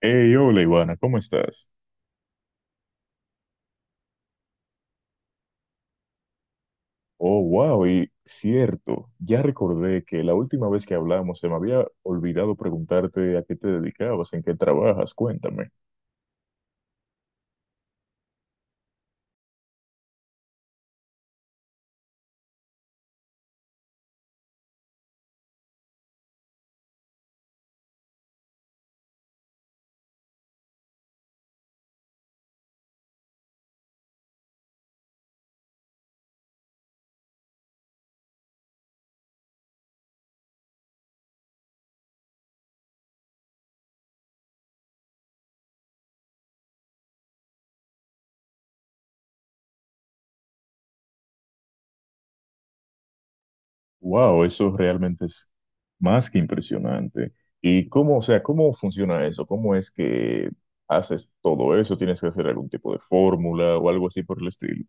Hey, hola Ivana, ¿cómo estás? Oh, wow, y cierto, ya recordé que la última vez que hablamos se me había olvidado preguntarte a qué te dedicabas, en qué trabajas, cuéntame. Wow, eso realmente es más que impresionante. ¿Y cómo, o sea, cómo funciona eso? ¿Cómo es que haces todo eso? ¿Tienes que hacer algún tipo de fórmula o algo así por el estilo?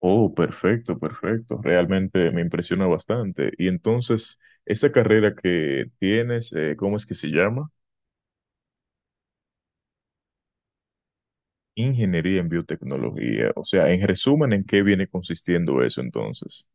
Oh, perfecto, perfecto. Realmente me impresiona bastante. Y entonces, esa carrera que tienes, ¿cómo es que se llama? Ingeniería en biotecnología. O sea, en resumen, ¿en qué viene consistiendo eso entonces?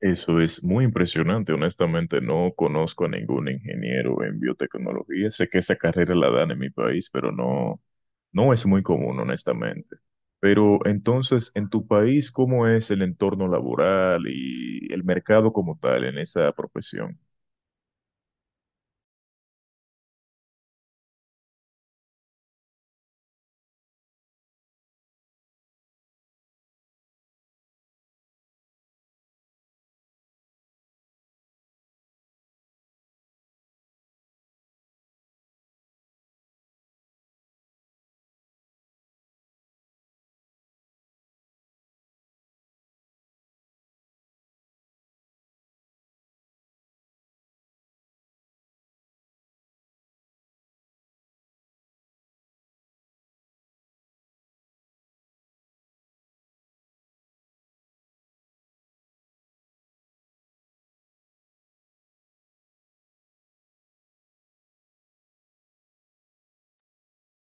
Eso es muy impresionante. Honestamente, no conozco a ningún ingeniero en biotecnología. Sé que esa carrera la dan en mi país, pero no, no es muy común, honestamente. Pero entonces, en tu país, ¿cómo es el entorno laboral y el mercado como tal en esa profesión?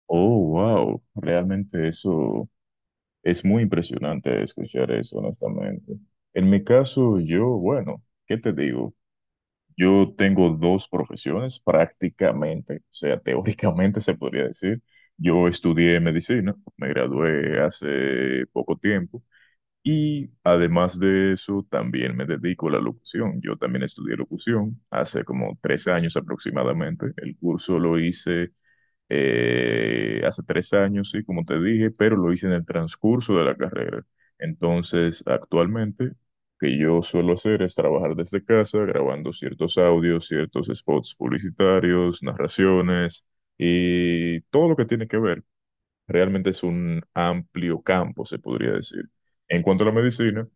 Oh, wow, realmente eso es muy impresionante escuchar eso, honestamente. En mi caso, yo, bueno, ¿qué te digo? Yo tengo dos profesiones prácticamente, o sea, teóricamente se podría decir. Yo estudié medicina, me gradué hace poco tiempo y además de eso también me dedico a la locución. Yo también estudié locución hace como 3 años aproximadamente. El curso lo hice hace 3 años, sí, como te dije, pero lo hice en el transcurso de la carrera. Entonces, actualmente, que yo suelo hacer es trabajar desde casa, grabando ciertos audios, ciertos spots publicitarios, narraciones y todo lo que tiene que ver. Realmente es un amplio campo, se podría decir. En cuanto a la medicina,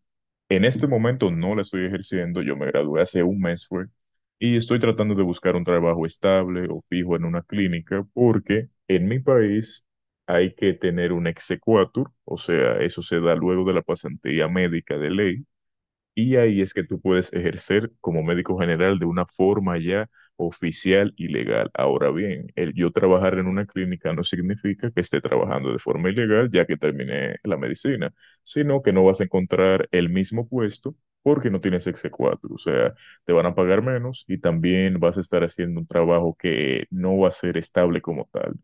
en este momento no la estoy ejerciendo, yo me gradué hace un mes fue, y estoy tratando de buscar un trabajo estable o fijo en una clínica porque en mi país hay que tener un exequatur, o sea, eso se da luego de la pasantía médica de ley, y ahí es que tú puedes ejercer como médico general de una forma ya oficial y legal. Ahora bien, el yo trabajar en una clínica no significa que esté trabajando de forma ilegal ya que terminé la medicina, sino que no vas a encontrar el mismo puesto porque no tienes exequatur. O sea, te van a pagar menos y también vas a estar haciendo un trabajo que no va a ser estable como tal.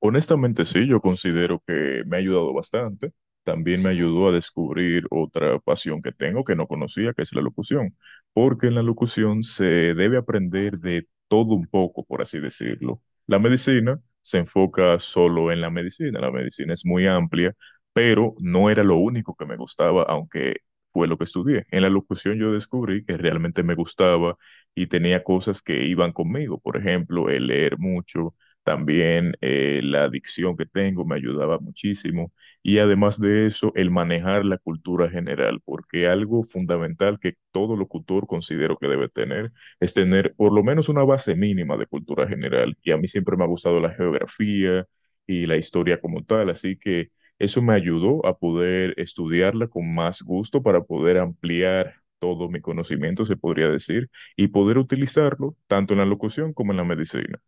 Honestamente sí, yo considero que me ha ayudado bastante. También me ayudó a descubrir otra pasión que tengo que no conocía, que es la locución, porque en la locución se debe aprender de todo un poco, por así decirlo. La medicina se enfoca solo en la medicina es muy amplia, pero no era lo único que me gustaba, aunque fue lo que estudié. En la locución yo descubrí que realmente me gustaba y tenía cosas que iban conmigo, por ejemplo, el leer mucho también la adicción que tengo me ayudaba muchísimo. Y además de eso, el manejar la cultura general, porque algo fundamental que todo locutor considero que debe tener es tener por lo menos una base mínima de cultura general. Y a mí siempre me ha gustado la geografía y la historia como tal, así que eso me ayudó a poder estudiarla con más gusto para poder ampliar todo mi conocimiento, se podría decir, y poder utilizarlo tanto en la locución como en la medicina.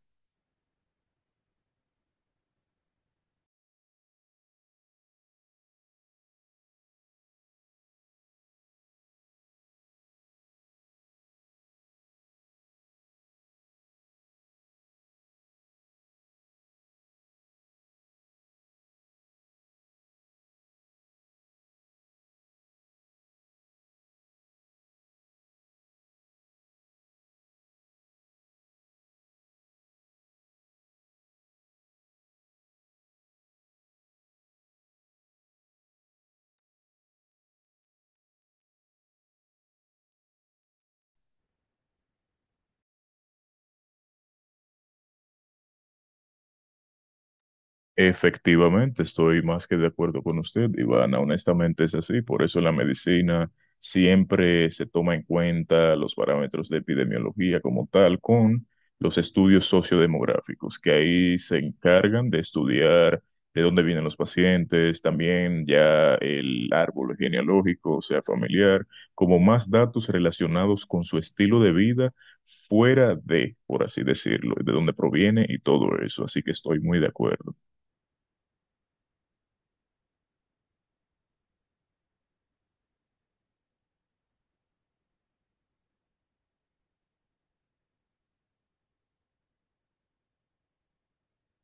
Efectivamente, estoy más que de acuerdo con usted, Ivana. Honestamente es así. Por eso la medicina siempre se toma en cuenta los parámetros de epidemiología como tal con los estudios sociodemográficos, que ahí se encargan de estudiar de dónde vienen los pacientes, también ya el árbol genealógico, o sea, familiar, como más datos relacionados con su estilo de vida fuera de, por así decirlo, de dónde proviene y todo eso. Así que estoy muy de acuerdo.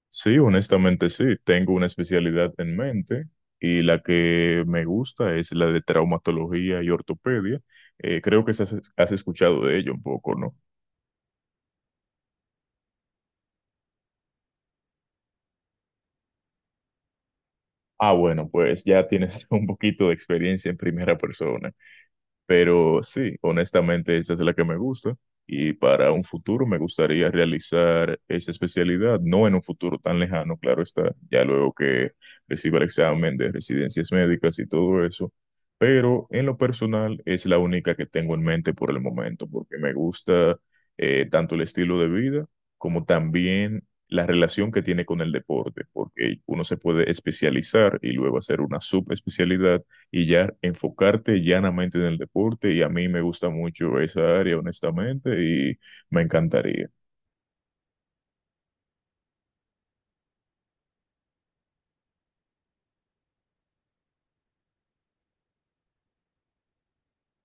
Sí, honestamente sí. Tengo una especialidad en mente y la que me gusta es la de traumatología y ortopedia. Creo que has escuchado de ello un poco, ¿no? Ah, bueno, pues ya tienes un poquito de experiencia en primera persona. Pero sí, honestamente esa es la que me gusta y para un futuro me gustaría realizar esa especialidad, no en un futuro tan lejano, claro está, ya luego que reciba el examen de residencias médicas y todo eso, pero en lo personal es la única que tengo en mente por el momento, porque me gusta tanto el estilo de vida como también la relación que tiene con el deporte, porque uno se puede especializar y luego hacer una subespecialidad y ya enfocarte llanamente en el deporte y a mí me gusta mucho esa área, honestamente, y me encantaría.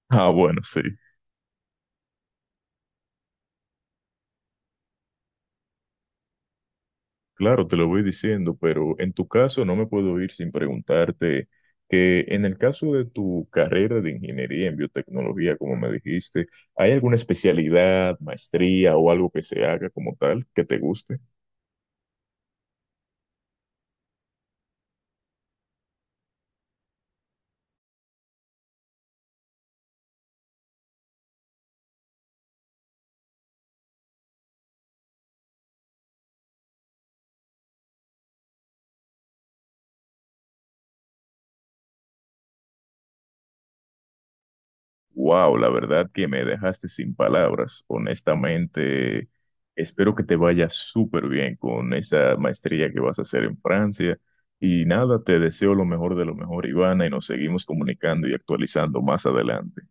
Ah, bueno, sí, claro, te lo voy diciendo, pero en tu caso no me puedo ir sin preguntarte que en el caso de tu carrera de ingeniería en biotecnología, como me dijiste, ¿hay alguna especialidad, maestría o algo que se haga como tal que te guste? Wow, la verdad que me dejaste sin palabras. Honestamente, espero que te vaya súper bien con esa maestría que vas a hacer en Francia. Y nada, te deseo lo mejor de lo mejor, Ivana, y nos seguimos comunicando y actualizando más adelante.